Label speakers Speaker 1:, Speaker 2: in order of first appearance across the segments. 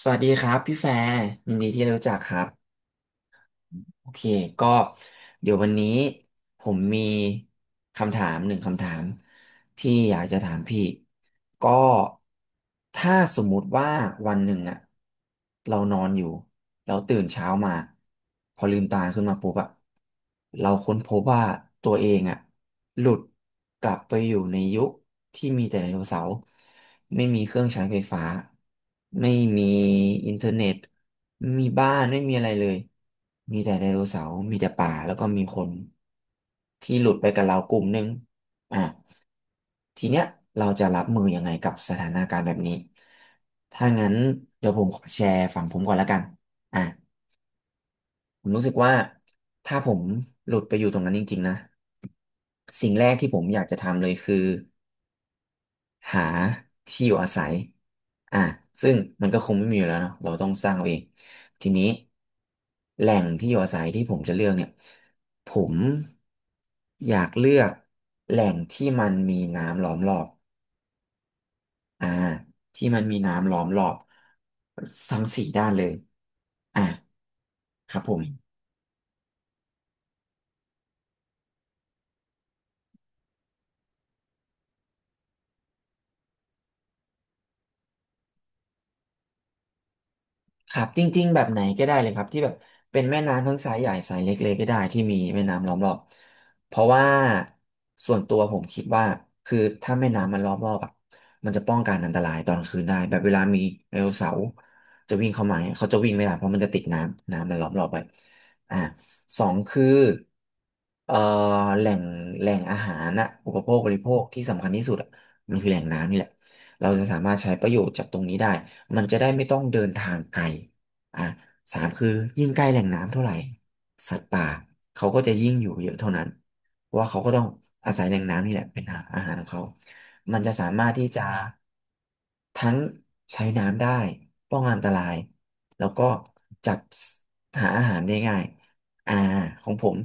Speaker 1: สวัสดีครับพี่แฟร์ยินดีที่ได้รู้จักครับโอเคก็เดี๋ยววันนี้ผมมีคำถามหนึ่งคำถามที่อยากจะถามพี่ก็ถ้าสมมุติว่าวันหนึ่งอะเรานอนอยู่เราตื่นเช้ามาพอลืมตาขึ้นมาปุ๊บอะเราค้นพบว่าตัวเองอะหลุดกลับไปอยู่ในยุคที่มีแต่ไดโนเสาร์ไม่มีเครื่องใช้ไฟฟ้าไม่มีอินเทอร์เน็ต มีบ้านไม่มีอะไรเลย มีแต่ไดโนเสาร์มีแต่ป่าแล้วก็มีคนที่หลุดไปกับเรากลุ่มหนึงอ่ะ ทีเนี้ยเราจะรับมือยังไงกับสถานการณ์แบบนี้ ถ้างั้นเดี๋ยวผมขอแชร์ฝั่งผมก่อนแล้วกัน อ่ะ ผมรู้สึกว่าถ้าผมหลุดไปอยู่ตรงนั้นจริงๆนะ สิ่งแรกที่ผมอยากจะทำเลยคือ หาที่อยู่อาศัยอ่ะซึ่งมันก็คงไม่มีอยู่แล้วเนาะเราต้องสร้างเอาเองทีนี้แหล่งที่อยู่อาศัยที่ผมจะเลือกเนี่ยผมอยากเลือกแหล่งที่มันมีน้ำล้อมรอบอ่าที่มันมีน้ำล้อมรอบทั้งสี่ด้านเลยอ่ะครับผม ครับจริงๆแบบไหนก็ได้เลยครับที่แบบเป็นแม่น้ำทั้งสายใหญ่สายเล็กๆก็ได้ที่มีแม่น้ำล้อมรอบเพราะว่าส่วนตัวผมคิดว่าคือถ้าแม่น้ำมันล้อมรอบอ่ะมันจะป้องกันอันตรายตอนคืนได้แบบเวลามีไดโนเสาร์จะวิ่งเข้ามาเนี่ยเขาจะวิ่งไม่ได้เพราะมันจะติดน้ำน้ำมันล้อมรอบไปอ่าสองคือเอ่อแหล่งแหล่งอาหารนะอุปโภคบริโภคที่สำคัญที่สุดอะมันคือแหล่งน้ำนี่แหละ เราจะสามารถใช้ประโยชน์จากตรงนี้ได้มันจะได้ไม่ต้องเดินทางไกลอ่ะสามคือยิ่งใกล้แหล่งน้ำเท่าไหร่สัตว์ป่าเขาก็จะยิ่งอยู่เยอะเท่านั้นเพราะว่าเขาก็ต้องอาศัยแหล่งน้ำนี่แหละเป็นอาหารของเขามันจะสามารถที่จะทั้งใช้น้ำได้ป้องกันอันตรายแล้วก็จับหาอาหารได้ง่ายอ่าของผม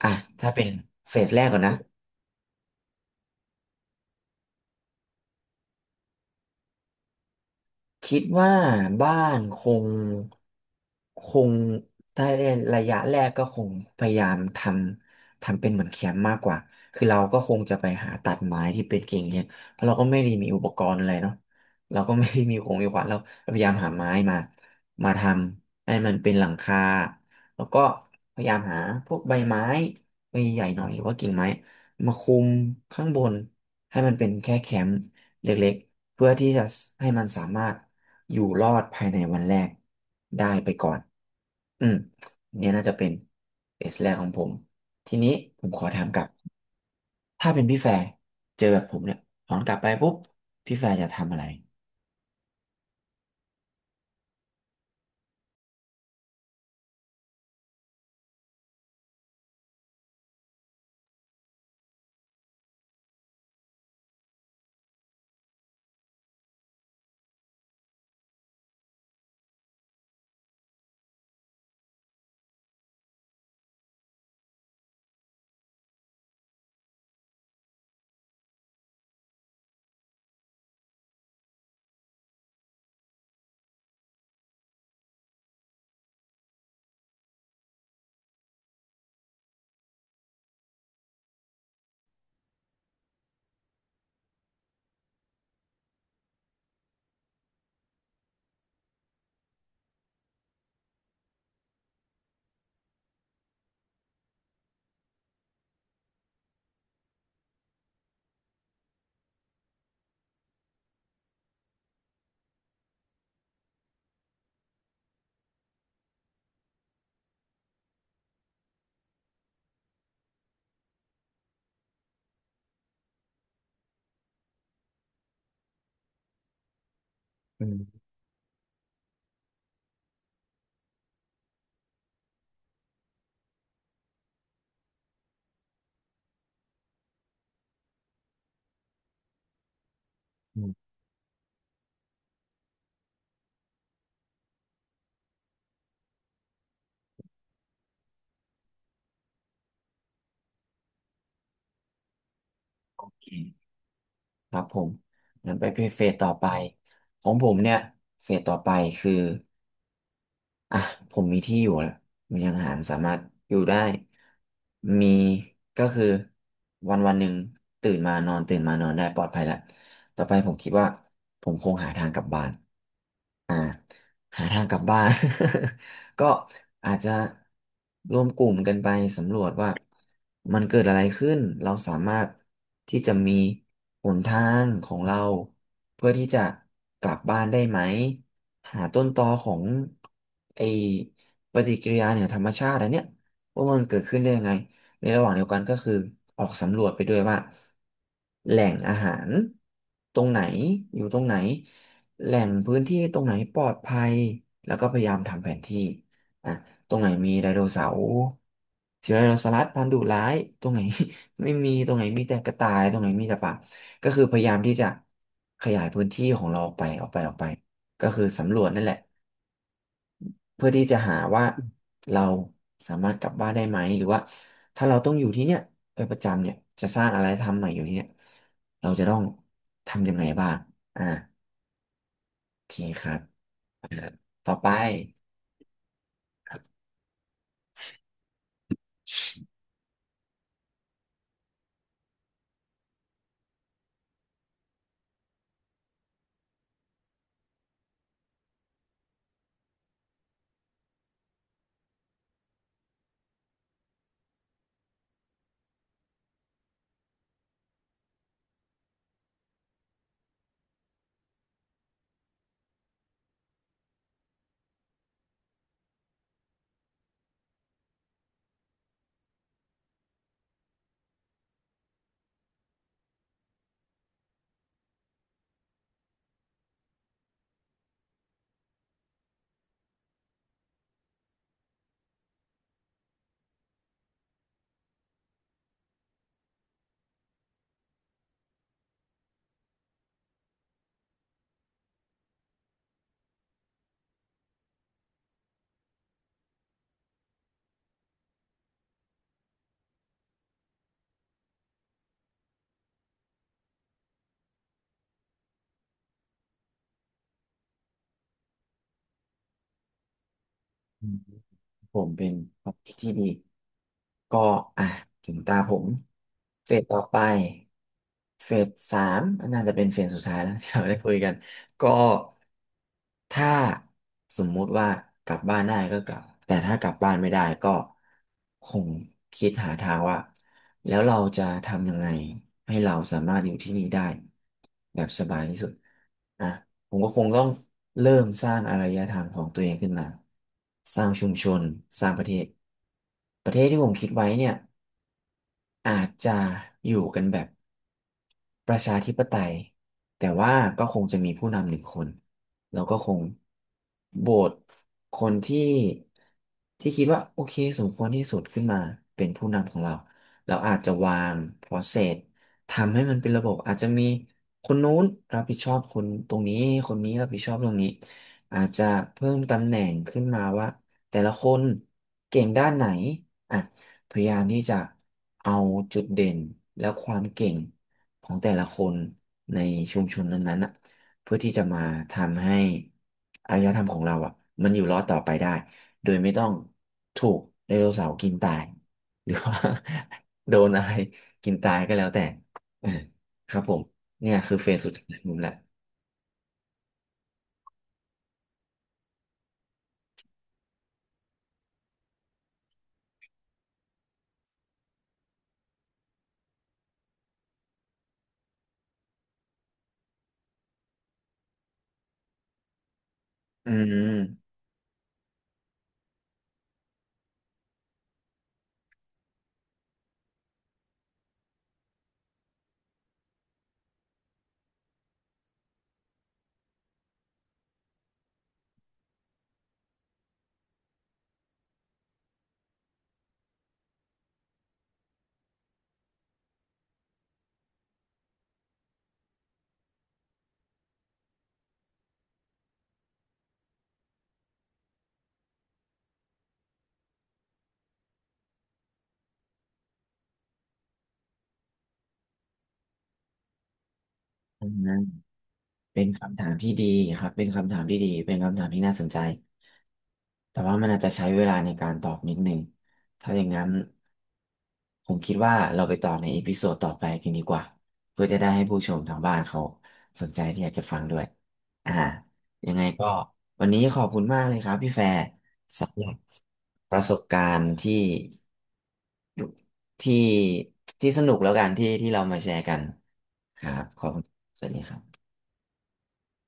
Speaker 1: อ่ะถ้าเป็นเฟสแรกก่อนนะ คิดว่าบ้านงคงถ้าในระยะแรกก็คงพยายามทำเป็นเหมือนแคมป์มากกว่าคือเราก็คงจะไปหาตัดไม้ที่เป็นกิ่งเนี่ยเพราะเราก็ไม่ได้มีอุปกรณ์อะไรเนาะเราก็ไม่ได้มีของมีขวานเราพยายามหาไม้มามาทำให้มันเป็นหลังคาแล้วก็พยายามหาพวกใบไม้ใบใหญ่หน่อยหรือว่ากิ่งไม้มาคุมข้างบนให้มันเป็นแค่แคมป์ เล็กๆ เพื่อที่จะให้มันสามารถอยู่รอดภายในวันแรกได้ไปก่อน อืมเนี่ยน่าจะเป็นเอสแรกของผม ทีนี้ผมขอถามกลับถ้าเป็นพี่แฟร์เจอแบบผมเนี่ยถอนกลับไปปุ๊บพี่แฟร์จะทำอะไรอืมอืมโอเคครับผมงั้นไปเฟสต่อไปของผมเนี่ยเฟสต่อไปคือ อ่ะผมมีที่อยู่แล้วมีทางอาหารสามารถอยู่ได้มีก็คือวันหนึ่งตื่นมานอนตื่นมานอนได้ปลอดภัยแล้วต่อไปผมคิดว่าผมคงหาทางกลับบ้าน หาทางกลับบ้าน ก็อาจจะรวมกลุ่มกันไปสำรวจว่ามันเกิดอะไรขึ้นเราสามารถที่จะมีหนทางของเราเพื่อที่จะกลับบ้านได้ไหมหาต้นตอของไอปฏิกิริยาเหนือธรรมชาติอันเนี้ยว่ามันเกิดขึ้นได้ยังไงในระหว่างเดียวกันก็คือออกสำรวจไปด้วยว่าแหล่งอาหารตรงไหนอยู่ตรงไหน แหล่งพื้นที่ตรงไหนปลอดภัยแล้วก็พยายามทำแผนที่อ่ะตรงไหนมีไดโนเสาร์เสือไดโนเสาร์พันธุ์ดุร้ายตรงไหน ไม่มีตรงไหนมีแต่กระต่ายตรงไหนมีแต่ป่าก็คือพยายามที่จะขยายพื้นที่ของเราออกไปก็คือสำรวจนั่นแหละเพื่อที่จะหาว่าเราสามารถกลับบ้านได้ไหมหรือว่าถ้าเราต้องอยู่ที่เนี่ยไปประจำเนี่ยจะสร้างอะไรทำใหม่อยู่ที่เนี่ยเราจะต้องทำยังไงบ้างอ่าโอเคครับต่อไป อืมผมเป็นความคิดที่ดีก็อ่ะถึงตาผมเฟสต่อไปเฟสสามน่าจะเป็นเฟสสุดท้ายแล้ว ที่เราได้คุยกันก็ถ้าสมมุติว่ากลับบ้านได้ก็กลับแต่ถ้ากลับบ้านไม่ได้ก็คงคิดหาทางว่าแล้วเราจะทำยังไงให้เราสามารถอยู่ที่นี่ได้แบบสบายที่สุดนะ ผมก็คงต้องเริ่มสร้างอารยธรรมของตัวเองขึ้นมาสร้างชุมชนสร้างประเทศประเทศที่ผมคิดไว้เนี่ยอาจจะอยู่กันแบบ ประชาธิปไตยแต่ว่าก็คงจะมีผู้นำหนึ่งคนแล้วก็คงโหวตคนที่ที่คิดว่าโอเคสมควรที่สุดขึ้นมาเป็นผู้นำของเราเราอาจจะวาง process ทำให้มันเป็นระบบอาจจะมีคนนู้นรับผิดชอบคนตรงนี้คนนี้รับผิดชอบตรงนี้อาจจะเพิ่มตำแหน่งขึ้นมาว่าแต่ละคนเก่งด้านไหนอ่ะ พยายามที่จะเอาจุดเด่นและความเก่งของแต่ละคนในชุมชนนั้นๆน่ะเพื่อที่จะมาทำให้อารยธรรมของเราอ่ะมันอยู่รอดต่อไปได้โดยไม่ต้องถูกไดโนเสาร์กินตายหรือว่า โดนอะไรกินตายก็แล้วแต่ เออครับผมเนี่ยคือเฟสสุดท้ายของผมแหละอืมอืมเป็นคำถามที่ดีครับเป็นคำถามที่ดีเป็นคำถามที่น่าสนใจ แต่ว่ามันอาจจะใช้เวลาในการตอบนิดนึงถ้าอย่างนั้นผมคิดว่าเราไปต่อในเอพิโซดต่อไปกันดีกว่า เพื่อจะได้ให้ผู้ชมทางบ้านเขาสนใจที่อยากจะฟังด้วยอ่ายังไงก็วันนี้ขอบคุณมากเลยครับพี่แฟร์สำหรับประสบการณ์ที่ที่สนุกแล้วกันที่เรามาแชร์กันครับขอบคุณสวัสดีครับ